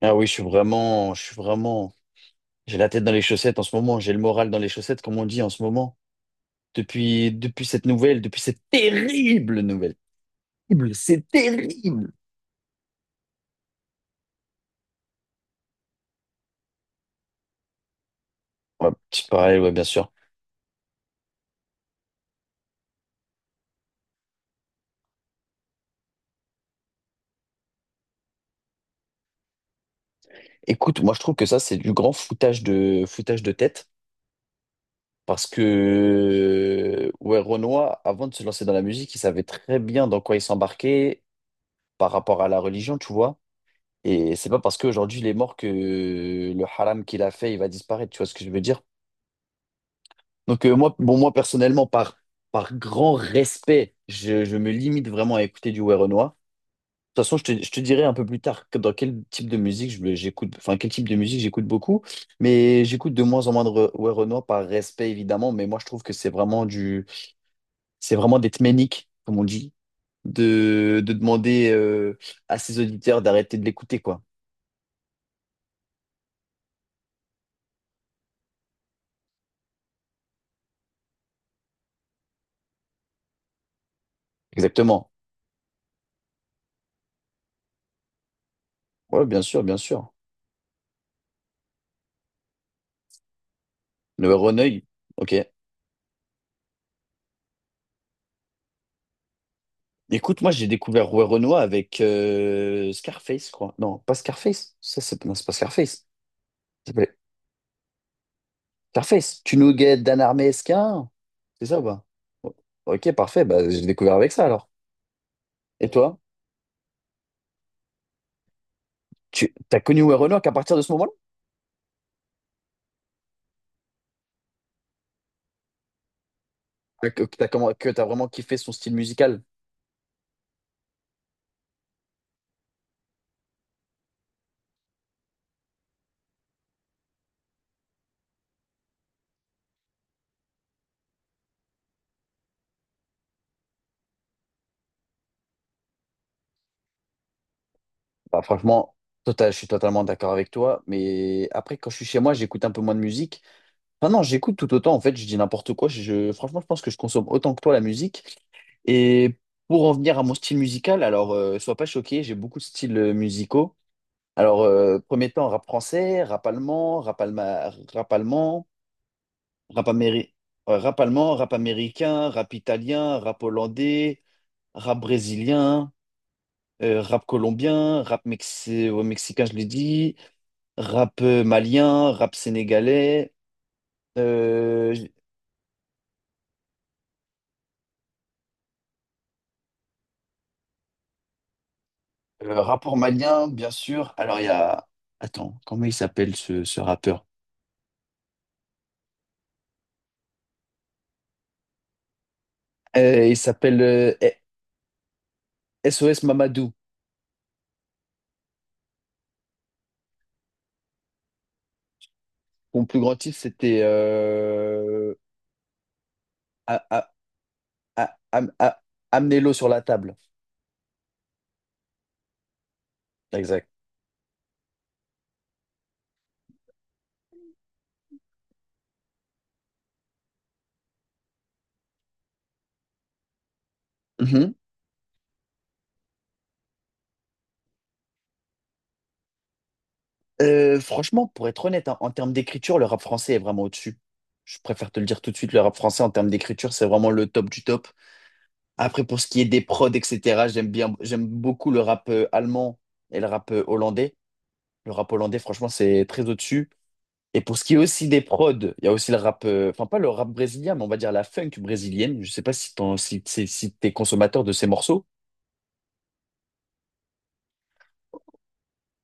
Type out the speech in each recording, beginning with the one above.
Ah oui, je suis vraiment, j'ai la tête dans les chaussettes en ce moment, j'ai le moral dans les chaussettes, comme on dit en ce moment. Depuis cette nouvelle, depuis cette terrible nouvelle. Terrible, c'est terrible. Ouais, petit parallèle, ouais, bien sûr. Écoute, moi je trouve que ça, c'est du grand foutage de tête. Parce que, ouais, Renoir, avant de se lancer dans la musique, il savait très bien dans quoi il s'embarquait par rapport à la religion, tu vois. Et c'est pas parce qu'aujourd'hui il est mort que le haram qu'il a fait, il va disparaître, tu vois ce que je veux dire? Donc moi, bon, moi personnellement, par grand respect, je me limite vraiment à écouter du ouais Renoir. De toute façon, je te dirai un peu plus tard dans quel type de musique j'écoute, enfin quel type de musique j'écoute beaucoup, mais j'écoute de moins en moins de ouais Renoir par respect évidemment, mais moi je trouve que c'est vraiment d'être ménique, comme on dit, de demander à ses auditeurs d'arrêter de l'écouter quoi. Exactement. Ouais, bien sûr, bien sûr. Le ouais Renoir, ok. Écoute, moi j'ai découvert Rouet Renoir avec Scarface, quoi. Non, pas Scarface. Ça, c'est non, c'est pas Scarface. Ça s'appelle Scarface. Tu nous guettes Dan Esquin. C'est ça ou pas? O- Ok, parfait. Bah, j'ai découvert avec ça alors. Et toi? Tu t'as connu Rouet Renoir qu'à partir de ce moment-là? Que t'as que t'as vraiment kiffé son style musical? Bah, franchement, je suis totalement d'accord avec toi. Mais après, quand je suis chez moi, j'écoute un peu moins de musique. Enfin non, j'écoute tout autant, en fait, je dis n'importe quoi. Franchement, je pense que je consomme autant que toi la musique. Et pour en venir à mon style musical, alors sois pas choqué, j'ai beaucoup de styles musicaux. Alors, premier temps, rap français, rap allemand, rap, rap allemand, rap, rap allemand, rap américain, rap italien, rap hollandais, rap brésilien, rap colombien, rap mexicain, je l'ai dit, rap malien, rap sénégalais. Euh, Rapport malien, bien sûr. Alors, il y a... Attends, comment il s'appelle ce rappeur? Il s'appelle SOS Mamadou. Mon plus grand titre, c'était A- A- A- Am- A- Amenez-l'eau sur la table. Exact. Mhm. Franchement, pour être honnête, hein, en termes d'écriture, le rap français est vraiment au-dessus. Je préfère te le dire tout de suite, le rap français en termes d'écriture, c'est vraiment le top du top. Après, pour ce qui est des prods, etc., j'aime bien, j'aime beaucoup le rap allemand et le rap hollandais. Le rap hollandais, franchement, c'est très au-dessus. Et pour ce qui est aussi des prods, il y a aussi le rap, enfin pas le rap brésilien, mais on va dire la funk brésilienne. Je sais pas si si t'es consommateur de ces morceaux.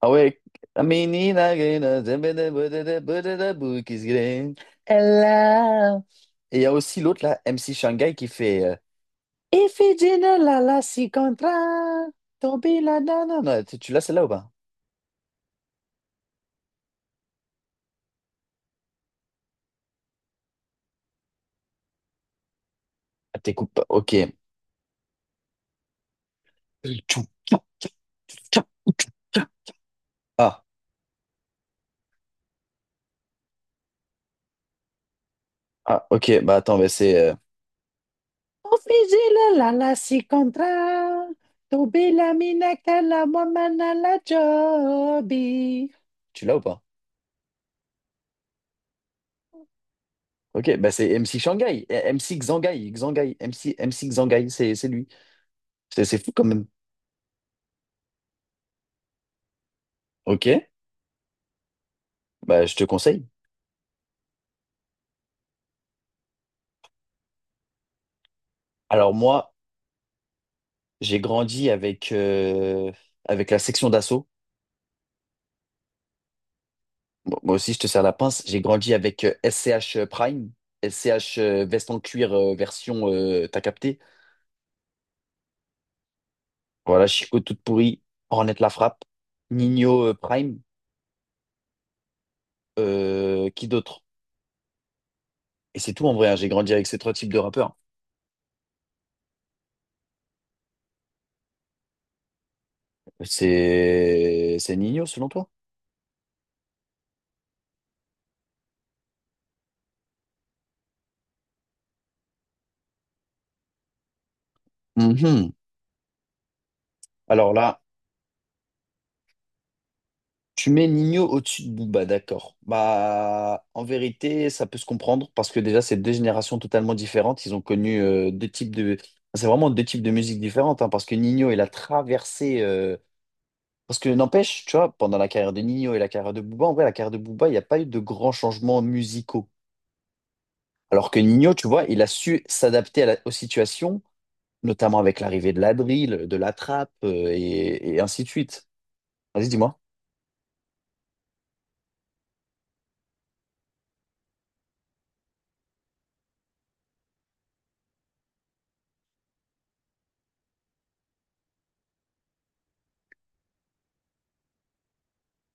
Ah ouais. A menina grena, zambada, bodada, bodada, bukis green. Ella. Et il y a aussi l'autre là, MC Shanghai, qui fait Ifigenia la la si contra, tombi la na na na. Tu l'as celle-là ou pas? Ah, t'écoutes pas. Ok. Ah. Ah, ok, bah attends, mais c'est. Officile la la la si contra, tu bilamina la wamana la jobi. Tu l'as ou pas? Ok, bah c'est MC Shanghai, MC Xangai, Xangai, MC Xangai, c'est lui. C'est fou quand même. Ok, bah je te conseille. Alors moi, j'ai grandi avec la section d'assaut. Bon, moi aussi, je te sers la pince. J'ai grandi avec SCH Prime, SCH veste en cuir version, t'as capté? Voilà, Chico toute pourrie, Ornette la frappe, Nino Prime, qui d'autre? Et c'est tout en vrai, hein, j'ai grandi avec ces trois types de rappeurs. C'est Nino selon toi? Mhm. Alors là, tu mets Nino au-dessus de Booba, d'accord. Bah, en vérité, ça peut se comprendre parce que déjà, c'est deux générations totalement différentes. Ils ont connu deux types de... enfin, c'est vraiment deux types de musique différentes, hein, parce que Nino, il a traversé. Parce que n'empêche, tu vois, pendant la carrière de Nino et la carrière de Booba, en vrai, la carrière de Booba, il n'y a pas eu de grands changements musicaux. Alors que Nino, tu vois, il a su s'adapter à aux situations, notamment avec l'arrivée de la drill, de la trappe, et ainsi de suite. Vas-y, dis-moi.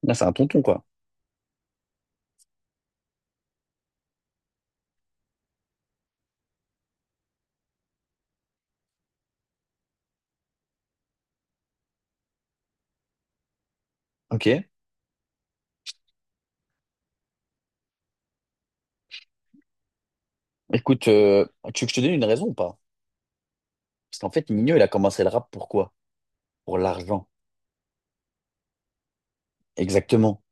Là, c'est un tonton, quoi. Ok. Écoute, tu veux que je te donne une raison ou pas? Parce qu'en fait, Nino, il a commencé le rap pour quoi? Pour l'argent. Exactement.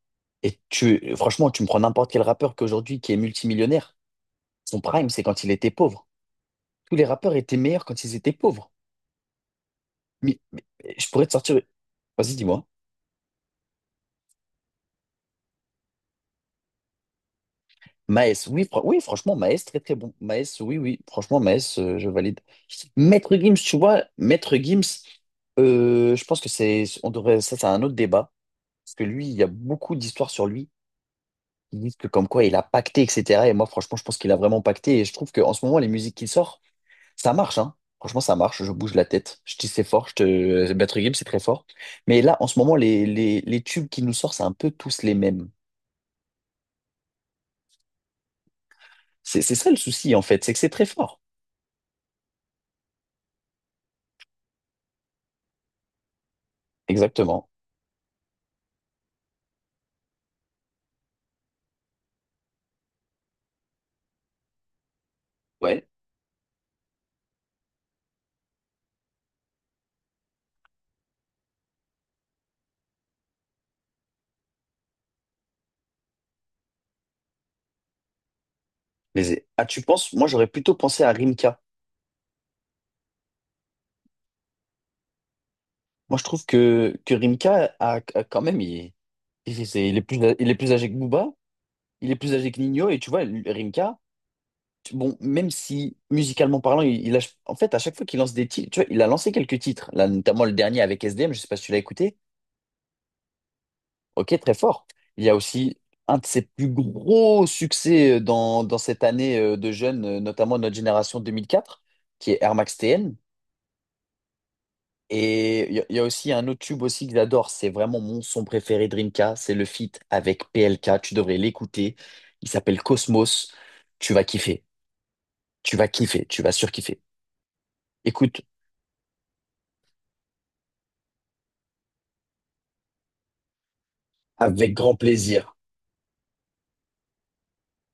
Et franchement, tu me prends n'importe quel rappeur qu'aujourd'hui qui est multimillionnaire. Son prime, c'est quand il était pauvre. Tous les rappeurs étaient meilleurs quand ils étaient pauvres. Mais je pourrais te sortir. Vas-y, dis-moi. Maes, oui, oui, franchement, Maes, très très bon. Maes, oui, oui, franchement, Maes, je valide. Maître Gims, tu vois, Maître Gims, je pense que c'est, on devrait, ça, c'est un autre débat. Parce que lui, il y a beaucoup d'histoires sur lui qui disent que comme quoi il a pacté, etc. Et moi, franchement, je pense qu'il a vraiment pacté. Et je trouve qu'en ce moment, les musiques qu'il sort, ça marche, hein. Franchement, ça marche. Je bouge la tête. Je dis c'est fort. Je te... Maître Gims, c'est très fort. Mais là, en ce moment, les tubes qu'il nous sort, c'est un peu tous les mêmes. C'est ça le souci, en fait, c'est que c'est très fort. Exactement. Ouais. Les... Ah, tu penses? Moi, j'aurais plutôt pensé à Rimka. Moi, je trouve que Rimka quand même, il est plus âgé que Booba, il est plus âgé que Nino, et tu vois, Rimka, bon, même si musicalement parlant, en fait, à chaque fois qu'il lance des titres, tu vois, il a lancé quelques titres, là, notamment le dernier avec S D SDM, je sais pas si tu l'as écouté, ok, très fort. Il y a aussi un de ses plus gros succès dans cette année de jeunes, notamment notre génération 2004, qui est Air Max TN. Et il y a aussi un autre tube aussi que j'adore, c'est vraiment mon son préféré Drinka. C'est le feat avec PLK, tu devrais l'écouter. Il s'appelle Cosmos, tu vas kiffer, tu vas kiffer, tu vas surkiffer. Écoute, avec grand plaisir.